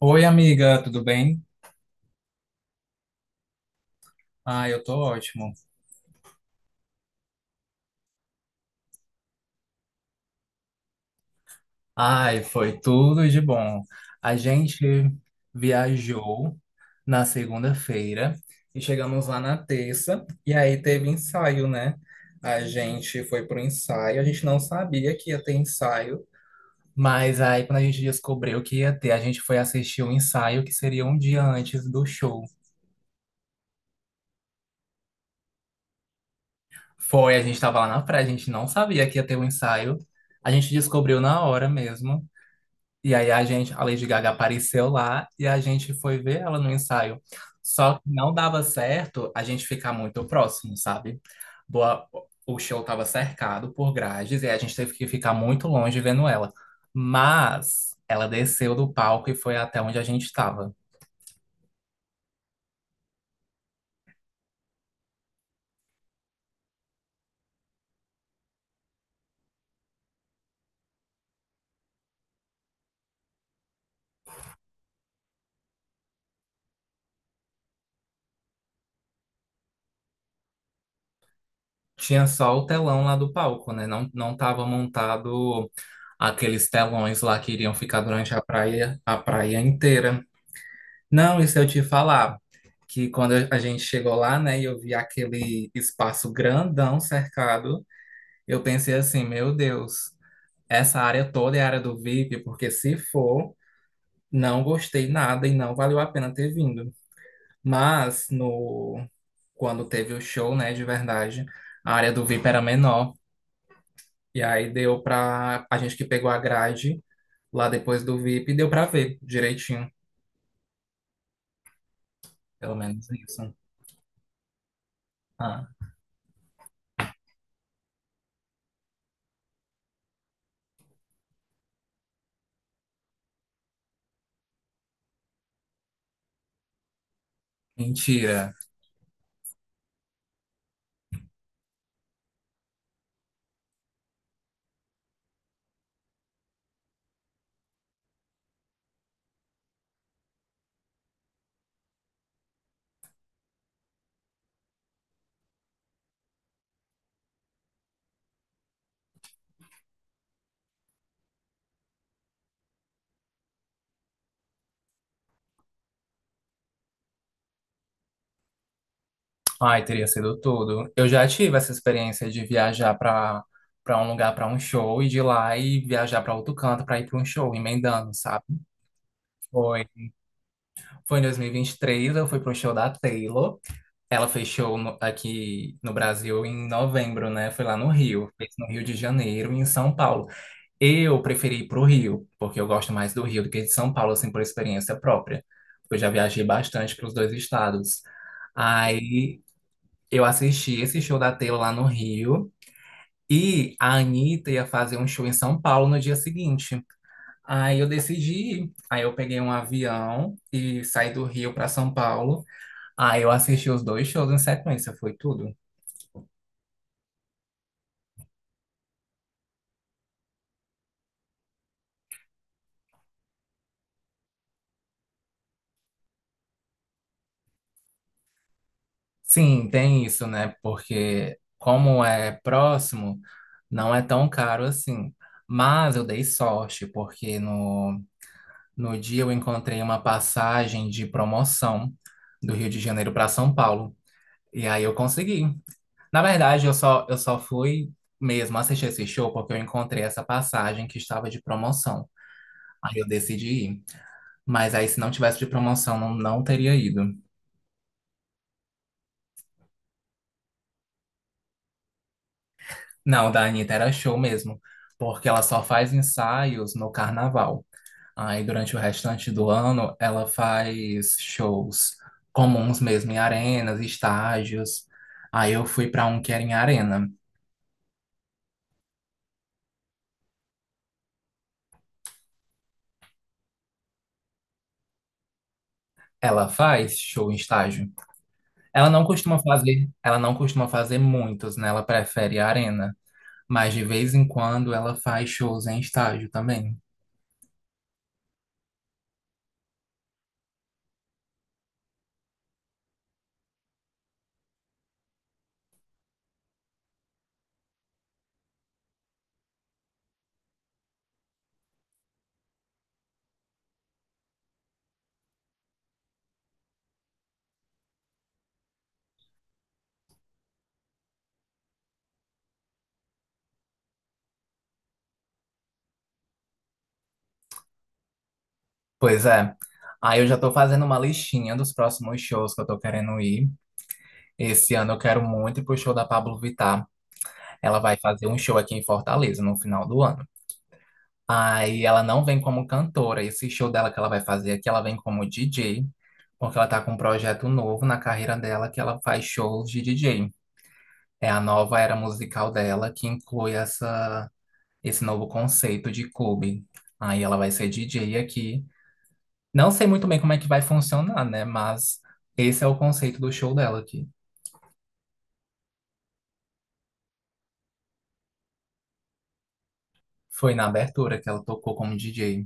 Oi, amiga, tudo bem? Ah, eu tô ótimo. Ai, foi tudo de bom. A gente viajou na segunda-feira e chegamos lá na terça, e aí teve ensaio, né? A gente foi pro ensaio, a gente não sabia que ia ter ensaio, mas aí quando a gente descobriu que ia ter, a gente foi assistir o ensaio que seria um dia antes do show. Foi, a gente tava lá na praia, a gente não sabia que ia ter um ensaio. A gente descobriu na hora mesmo. E aí a Lady Gaga apareceu lá e a gente foi ver ela no ensaio. Só que não dava certo a gente ficar muito próximo, sabe? Boa, o show estava cercado por grades e a gente teve que ficar muito longe vendo ela. Mas ela desceu do palco e foi até onde a gente estava. Tinha só o telão lá do palco, né? Não, não tava montado aqueles telões lá que iriam ficar durante a praia inteira. Não, isso eu te falar, que quando a gente chegou lá, né, e eu vi aquele espaço grandão cercado, eu pensei assim, meu Deus, essa área toda é área do VIP, porque se for, não gostei nada e não valeu a pena ter vindo. Mas no quando teve o show, né, de verdade, a área do VIP era menor, e aí deu pra a gente que pegou a grade lá depois do VIP, deu pra ver direitinho, pelo menos isso. Ah, mentira. Ai, teria sido tudo. Eu já tive essa experiência de viajar para um lugar para um show e de lá e viajar para outro canto para ir para um show, emendando, sabe? Foi, foi, em dois mil e vinte e três eu fui pro show da Taylor. Ela fez show aqui no Brasil em novembro, né? Foi lá no Rio, fez no Rio de Janeiro e em São Paulo. Eu preferi ir pro Rio, porque eu gosto mais do Rio do que de São Paulo, assim, por experiência própria. Eu já viajei bastante para os dois estados. Aí eu assisti esse show da Taylor lá no Rio e a Anitta ia fazer um show em São Paulo no dia seguinte. Aí eu decidi ir. Aí eu peguei um avião e saí do Rio para São Paulo. Aí eu assisti os dois shows em sequência, foi tudo. Sim, tem isso, né? Porque como é próximo, não é tão caro assim. Mas eu dei sorte, porque no dia eu encontrei uma passagem de promoção do Rio de Janeiro para São Paulo. E aí eu consegui. Na verdade, eu só fui mesmo assistir esse show porque eu encontrei essa passagem que estava de promoção. Aí eu decidi ir. Mas aí, se não tivesse de promoção, não, não teria ido. Não, o da Anitta era show mesmo, porque ela só faz ensaios no carnaval. Aí, durante o restante do ano, ela faz shows comuns mesmo, em arenas, estágios. Aí eu fui para um que era em arena. Ela faz show em estágio. Ela não costuma fazer muitos, né? Ela prefere a arena, mas de vez em quando ela faz shows em estádio também. Pois é. Aí eu já tô fazendo uma listinha dos próximos shows que eu tô querendo ir. Esse ano eu quero muito ir pro show da Pablo Vittar. Ela vai fazer um show aqui em Fortaleza no final do ano. Aí ela não vem como cantora. Esse show dela que ela vai fazer aqui, ela vem como DJ, porque ela tá com um projeto novo na carreira dela que ela faz shows de DJ. É a nova era musical dela que inclui esse novo conceito de clube. Aí ela vai ser DJ aqui. Não sei muito bem como é que vai funcionar, né? Mas esse é o conceito do show dela aqui. Foi na abertura que ela tocou como DJ.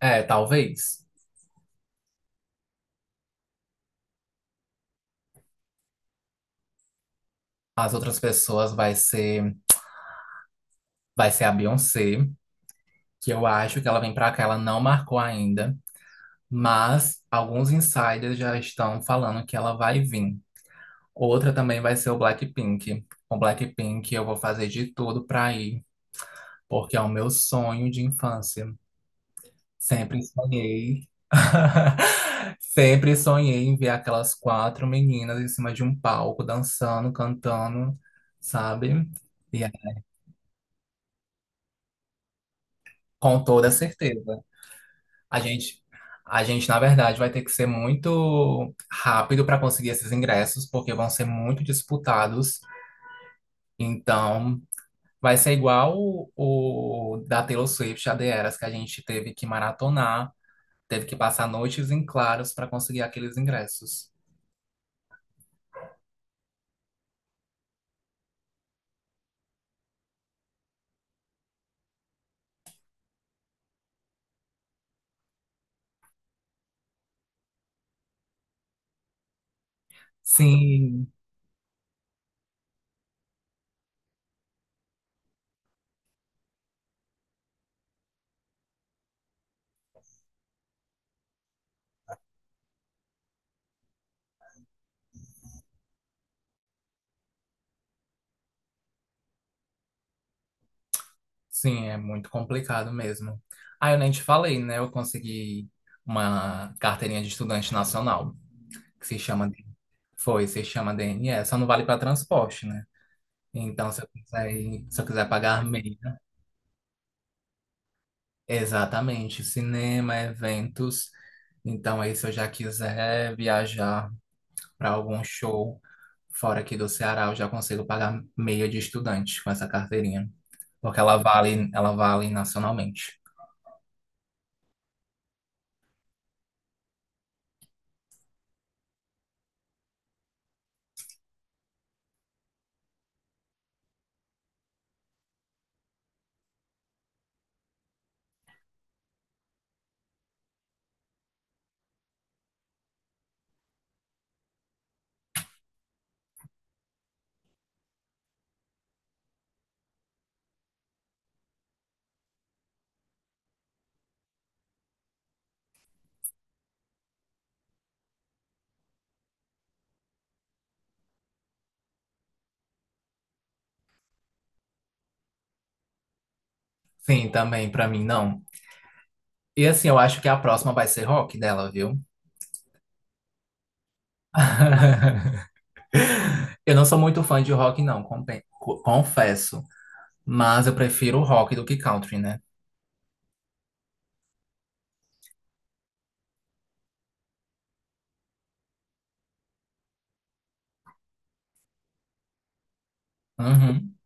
É, talvez. As outras pessoas vai ser a Beyoncé, que eu acho que ela vem pra cá, ela não marcou ainda. Mas alguns insiders já estão falando que ela vai vir. Outra também vai ser o Blackpink. Com Blackpink eu vou fazer de tudo pra ir, porque é o meu sonho de infância. Sempre sonhei. Sempre sonhei em ver aquelas quatro meninas em cima de um palco, dançando, cantando, sabe? E aí, com toda certeza. A gente, a gente, na verdade, vai ter que ser muito rápido para conseguir esses ingressos, porque vão ser muito disputados. Então, vai ser igual o da Taylor Swift, a The Eras, que a gente teve que maratonar, teve que passar noites em claros para conseguir aqueles ingressos. Sim, sim, é muito complicado mesmo. Ah, eu nem te falei, né? Eu consegui uma carteirinha de estudante nacional, que se chama, foi, se chama DNE, só não vale para transporte, né? Então, se eu quiser pagar meia, exatamente, cinema, eventos. Então, aí, se eu já quiser viajar para algum show fora aqui do Ceará, eu já consigo pagar meia de estudante com essa carteirinha, porque ela vale nacionalmente. Sim, também para mim não. E assim, eu acho que a próxima vai ser rock dela, viu? Eu não sou muito fã de rock, não, confesso. Mas eu prefiro rock do que country, né? Uhum.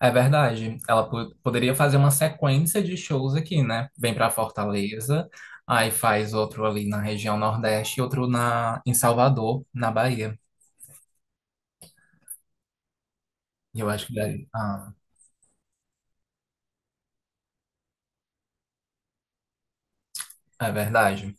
É verdade. Ela poderia fazer uma sequência de shows aqui, né? Vem para Fortaleza, aí faz outro ali na região Nordeste e outro na, em Salvador, na Bahia. E Eu acho que daí- ah, é verdade.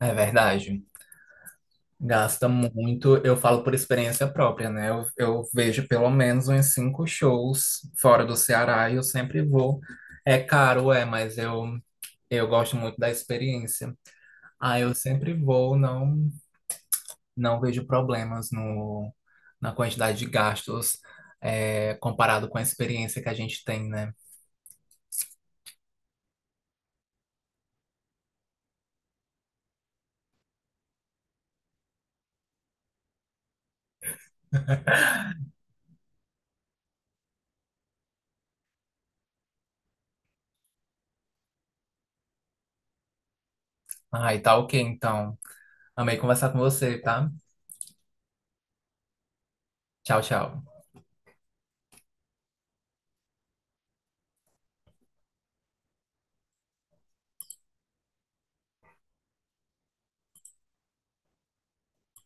É verdade. Gasta muito, eu falo por experiência própria, né? Eu vejo pelo menos uns cinco shows fora do Ceará e eu sempre vou. É caro, é, mas eu gosto muito da experiência. Ah, eu sempre vou, não. Não vejo problemas no, na quantidade de gastos comparado com a experiência que a gente tem, né? Ah, e tá ok, então. Amei conversar com você, tá? Tchau, tchau.